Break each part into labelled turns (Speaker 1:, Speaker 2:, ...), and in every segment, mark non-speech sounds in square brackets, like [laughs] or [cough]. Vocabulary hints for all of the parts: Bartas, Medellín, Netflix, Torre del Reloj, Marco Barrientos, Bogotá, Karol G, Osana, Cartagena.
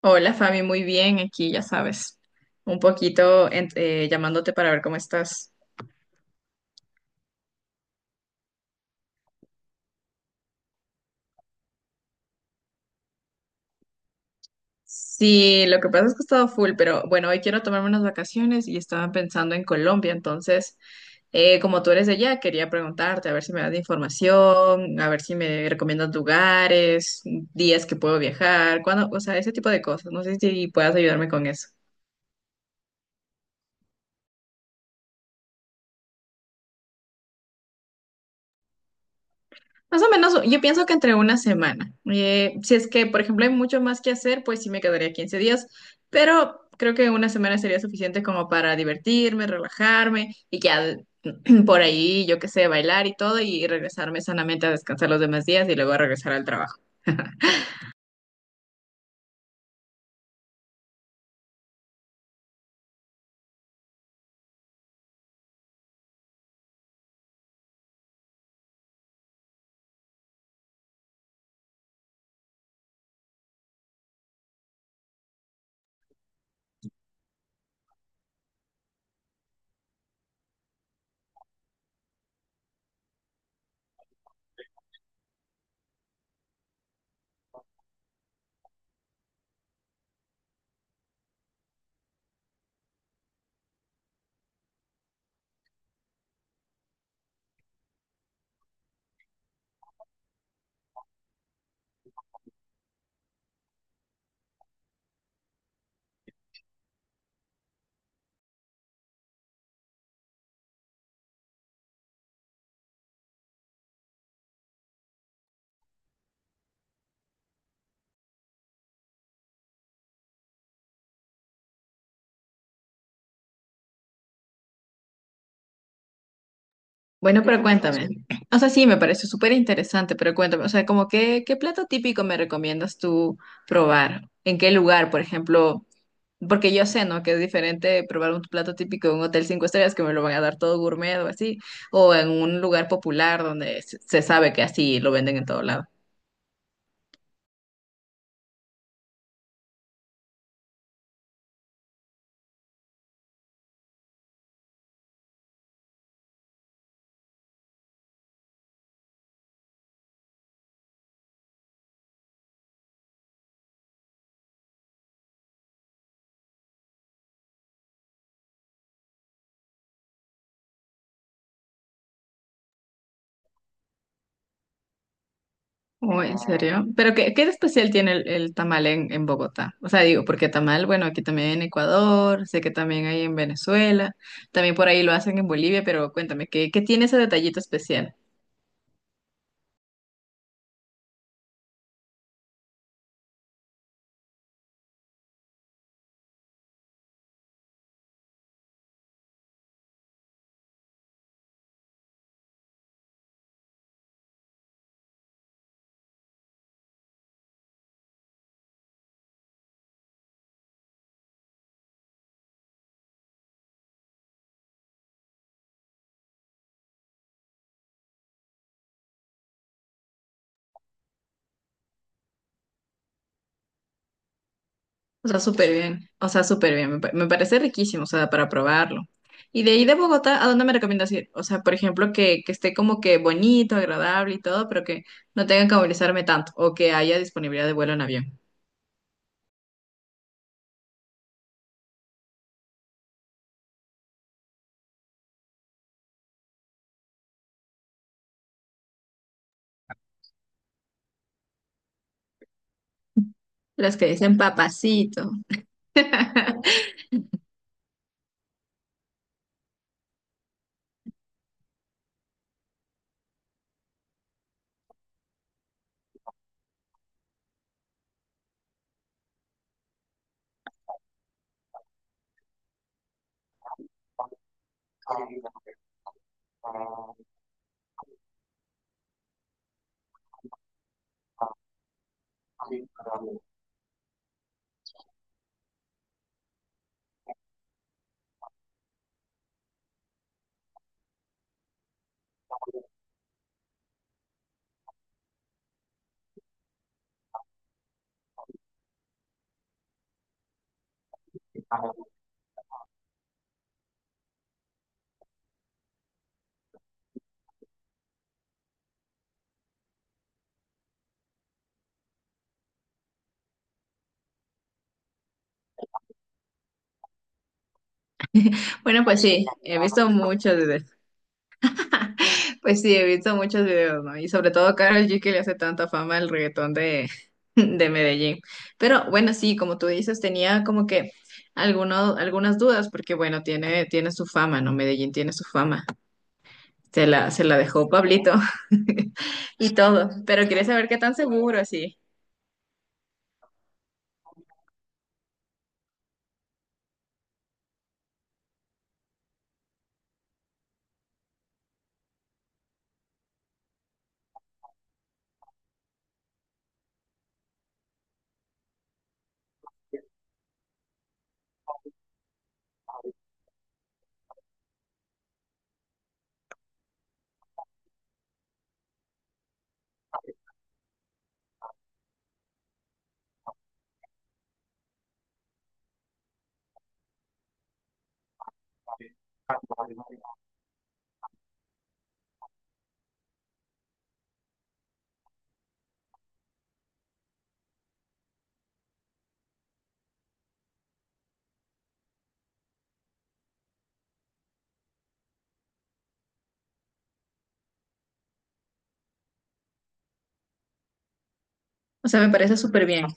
Speaker 1: Hola Fabi, muy bien, aquí ya sabes, un poquito llamándote para ver cómo estás. Sí, lo que pasa es que he estado full, pero bueno, hoy quiero tomarme unas vacaciones y estaba pensando en Colombia, entonces, como tú eres de allá, quería preguntarte a ver si me das información, a ver si me recomiendas lugares, días que puedo viajar, cuándo, o sea, ese tipo de cosas. No sé si puedas ayudarme con eso. Más o menos, yo pienso que entre una semana. Si es que, por ejemplo, hay mucho más que hacer, pues sí me quedaría 15 días, pero creo que una semana sería suficiente como para divertirme, relajarme y ya [clears throat] por ahí, yo qué sé, bailar y todo y regresarme sanamente a descansar los demás días y luego a regresar al trabajo. Bueno, pero cuéntame. O sea, sí, me parece súper interesante, pero cuéntame, o sea, como qué plato típico me recomiendas tú probar? ¿En qué lugar, por ejemplo? Porque yo sé, ¿no? Que es diferente probar un plato típico de un hotel 5 estrellas que me lo van a dar todo gourmet o así, o en un lugar popular donde se sabe que así lo venden en todo lado. Oh, ¿en serio? Pero ¿qué, qué de especial tiene el tamal en Bogotá? O sea, digo, porque tamal, bueno, aquí también en Ecuador, sé que también hay en Venezuela, también por ahí lo hacen en Bolivia, pero cuéntame, ¿qué, qué tiene ese detallito especial? O sea, súper bien. O sea, súper bien. Me parece riquísimo, o sea, para probarlo. Y de ahí de Bogotá, ¿a dónde me recomiendas ir? O sea, por ejemplo, que esté como que bonito, agradable y todo, pero que no tenga que movilizarme tanto o que haya disponibilidad de vuelo en avión. Las que dicen papacito. [laughs] Bueno, pues sí, he visto muchos. Pues sí, he visto muchos videos, ¿no? Y sobre todo Karol G, que le hace tanta fama al reggaetón de, [laughs] de Medellín. Pero bueno, sí, como tú dices, tenía como que algunas dudas, porque bueno, tiene su fama, ¿no? Medellín tiene su fama. Se la dejó Pablito [laughs] y todo. Pero quería saber qué tan seguro así. O sea, me parece súper bien. O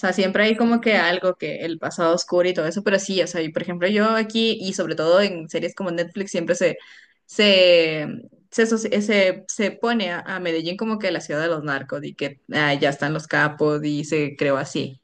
Speaker 1: sea, siempre hay como que algo, que el pasado oscuro y todo eso, pero sí, o sea, y por ejemplo, yo aquí, y sobre todo en series como Netflix, siempre se, se pone a Medellín como que la ciudad de los narcos, y que ah, ya están los capos y se creó así.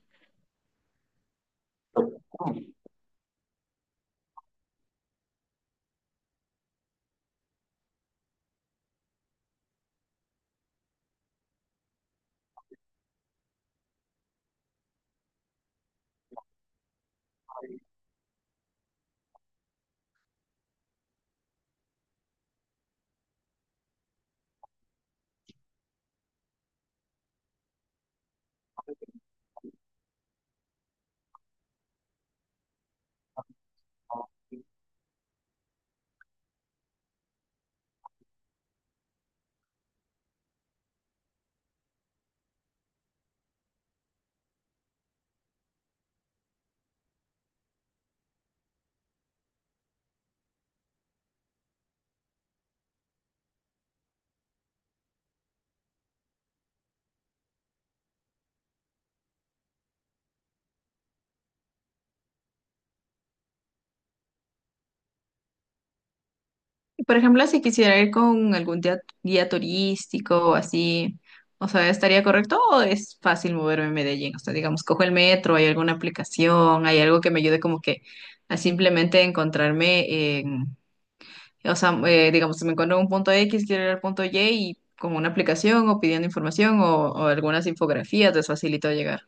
Speaker 1: Y, por ejemplo, si quisiera ir con algún guía turístico o así, o sea, ¿estaría correcto o es fácil moverme en Medellín? O sea, digamos, cojo el metro, ¿hay alguna aplicación, hay algo que me ayude como que a simplemente encontrarme? O sea, digamos, si me encuentro en un punto X, quiero ir al punto Y y como una aplicación o pidiendo información o algunas infografías les facilito llegar.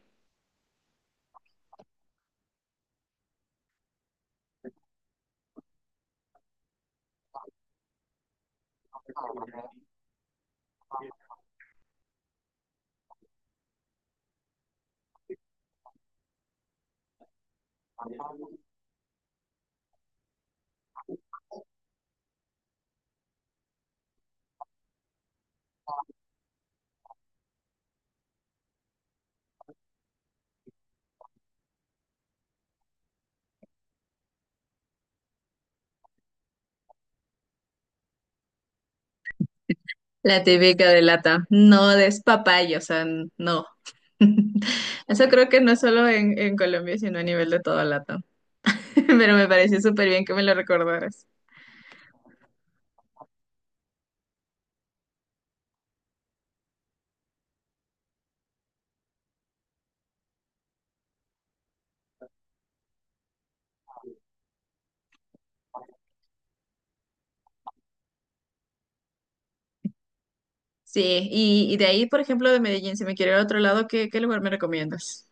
Speaker 1: La típica de lata, no despapalle, o sea, no. [laughs] Eso creo que no solo en Colombia, sino a nivel de toda lata. [laughs] Pero me pareció súper bien que me lo recordaras. Sí, y de ahí, por ejemplo, de Medellín, si me quiero ir a otro lado, ¿qué, qué lugar me recomiendas?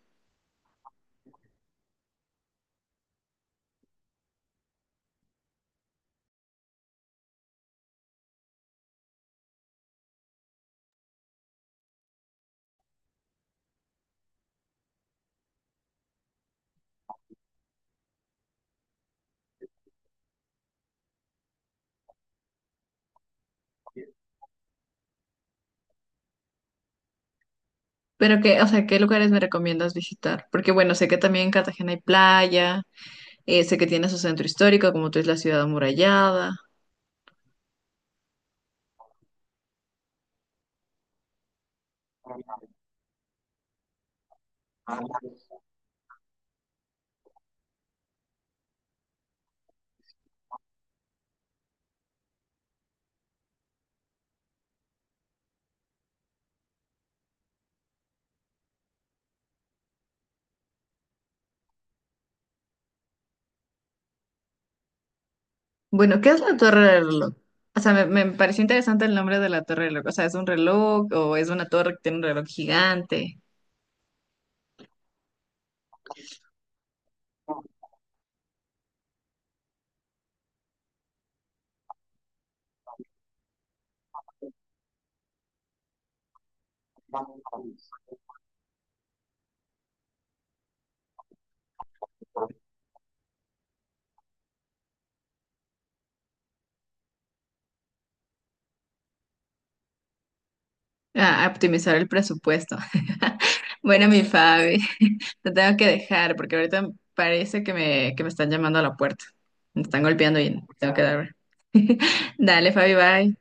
Speaker 1: Pero qué, o sea, ¿qué lugares me recomiendas visitar? Porque bueno, sé que también en Cartagena hay playa. Sé que tiene su centro histórico, como tú, es la ciudad amurallada. Bueno, ¿qué es la Torre del Reloj? O sea, me pareció interesante el nombre de la Torre del Reloj. O sea, ¿es un reloj o es una torre que tiene un reloj gigante? Ah, a optimizar el presupuesto. [laughs] Bueno, mi Fabi, [laughs] te tengo que dejar porque ahorita parece que me están llamando a la puerta. Me están golpeando y tengo que darme. [laughs] Dale, Fabi, bye.